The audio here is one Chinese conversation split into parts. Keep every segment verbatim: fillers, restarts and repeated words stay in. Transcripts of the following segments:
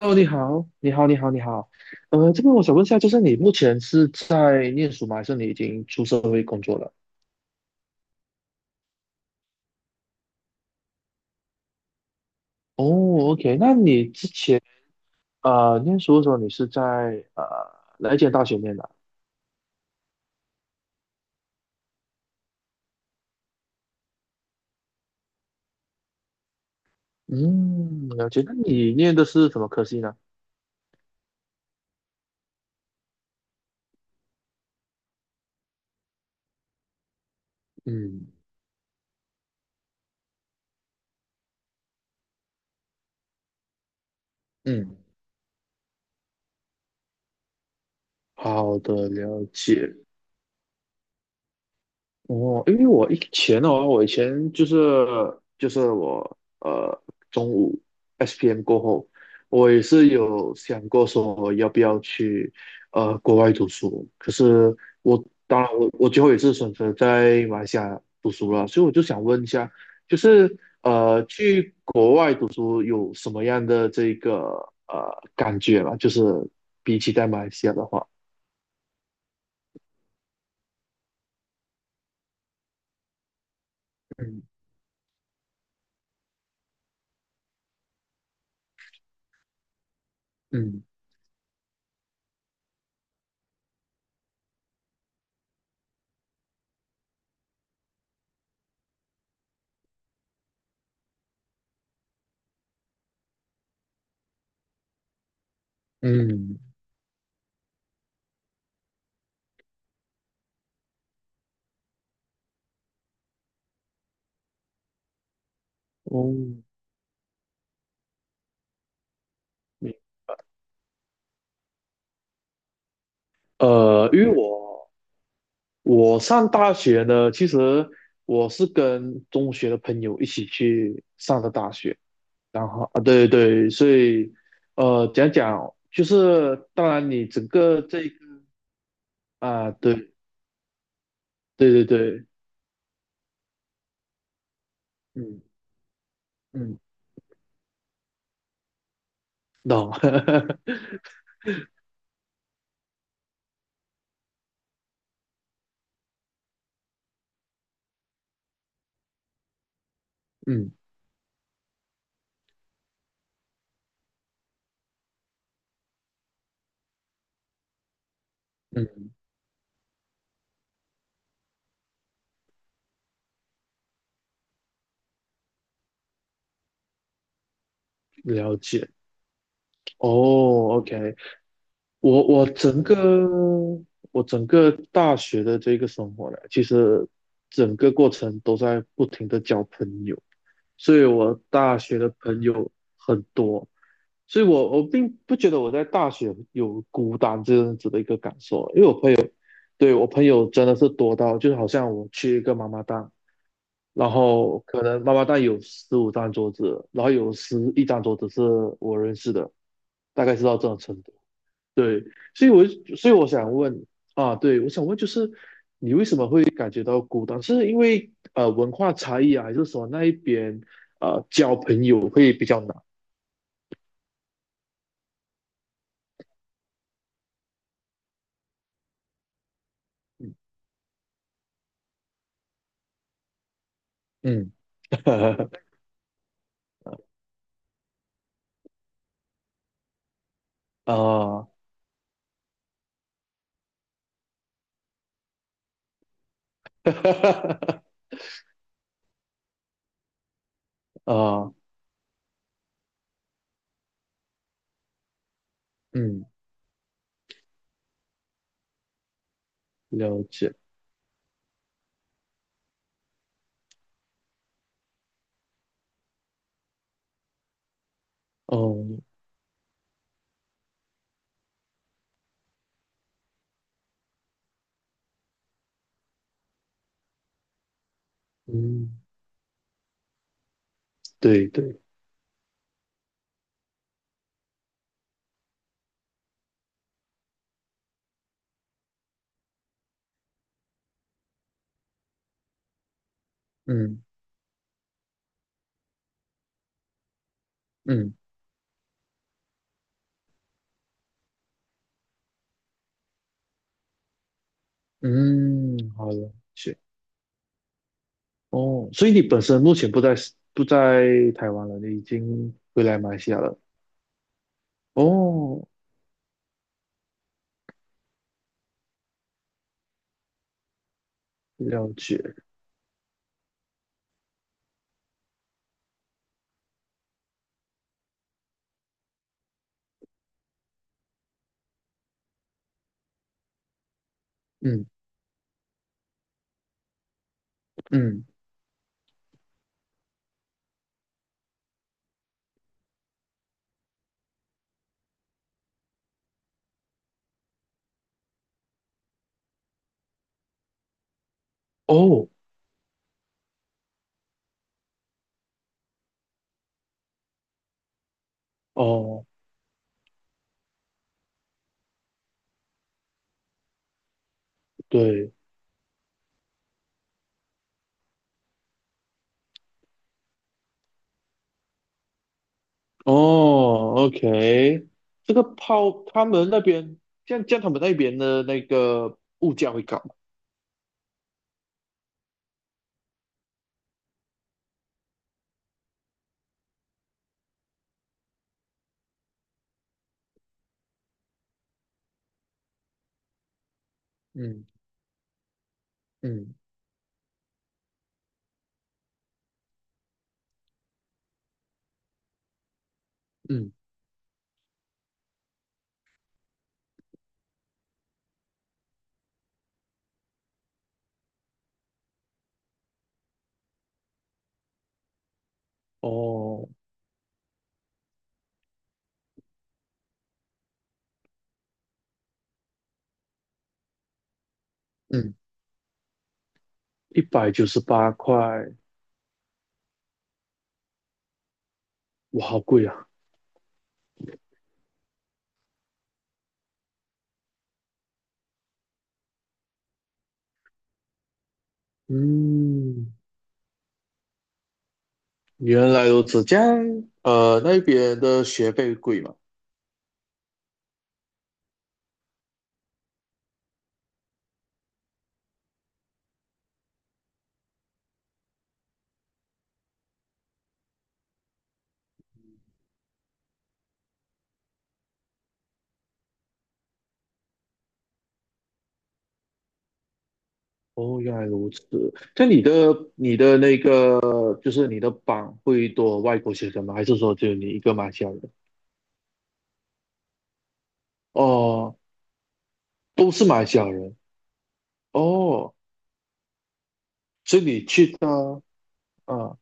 哦，你好，你好，你好，你好。呃，这边我想问一下，就是你目前是在念书吗？还是你已经出社会工作了？哦，OK，那你之前呃念书的时候，你是在呃哪一间大学念的啊？嗯，了解。那你念的是什么科系呢？嗯嗯，好的，了解。哦，因为我以前的话，我以前就是就是我呃中午 S P M 过后，我也是有想过说要不要去呃国外读书，可是我当然我我最后也是选择在马来西亚读书了，所以我就想问一下，就是呃去国外读书有什么样的这个呃感觉嘛？就是比起在马来西亚的话，嗯嗯嗯，哦。呃，因为我我上大学呢，其实我是跟中学的朋友一起去上的大学，然后啊，对对，所以呃，讲讲就是，当然你整个这一个啊，对对对对，嗯嗯，懂，嗯嗯，了解，哦，OK，我我整个我整个大学的这个生活呢，其实整个过程都在不停的交朋友。所以我大学的朋友很多，所以我我并不觉得我在大学有孤单这样子的一个感受，因为我朋友，对，我朋友真的是多到，就是好像我去一个妈妈档，然后可能妈妈档有十五张桌子，然后有十一张桌子是我认识的，大概是到这种程度。对，所以我所以我想问，啊，对，我想问就是你为什么会感觉到孤单？是因为呃文化差异啊，还是说那一边呃交朋友会比较难？嗯，啊，啊，嗯，了解，哦，嗯，对对，嗯嗯嗯，好，了解，哦，所以你本身目前不在不在台湾了，你已经回来马来西亚了，哦，了解，嗯。嗯，哦，哦，对，哦，OK，这个泡他们那边，像像他们那边的那个物价会高吗？嗯嗯嗯，哦，嗯，一百九十八块，哇，好贵啊！嗯，原来如此，这样，呃，那边的学费贵吗？哦，原来如此。那你的你的那个，就是你的榜会多外国学生吗？还是说只有你一个马来西亚人？哦，都是马来西亚人。哦，所以你去他啊，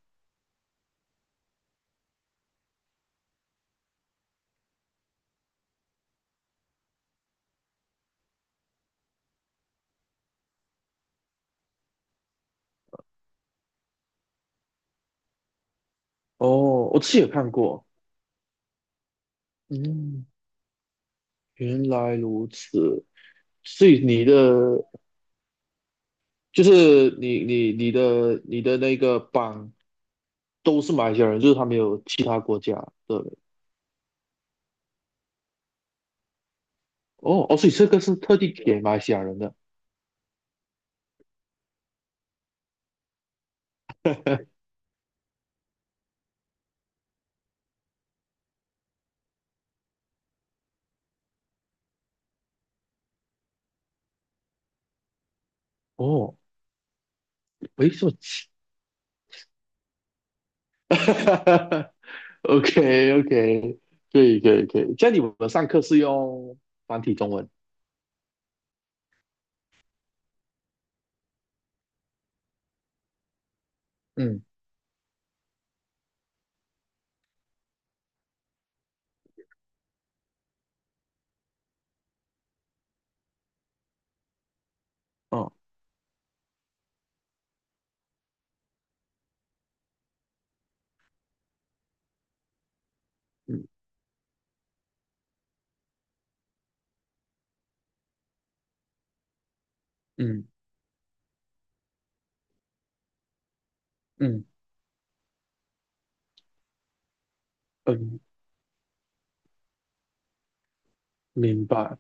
哦，我自己也看过，嗯，原来如此，所以你的就是你你你的你的那个榜都是马来西亚人，就是他没有其他国家的人。哦哦，所以这个是特地给马来西亚人的。哦，没什么奇 ，OK OK，可以可以可以，这样你们上课是用繁体中文。嗯，哦，嗯嗯嗯嗯。明白。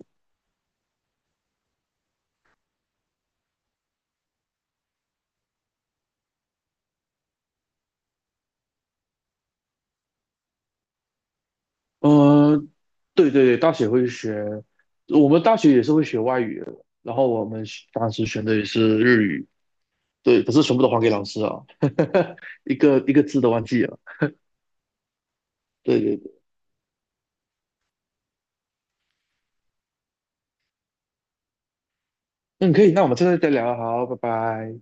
嗯，对对对，大学会学，我们大学也是会学外语的，然后我们学当时选的也是日语，对，可是全部都还给老师啊，一个一个字都忘记了。对对对，嗯，可以，那我们现在再聊啊，好，拜拜。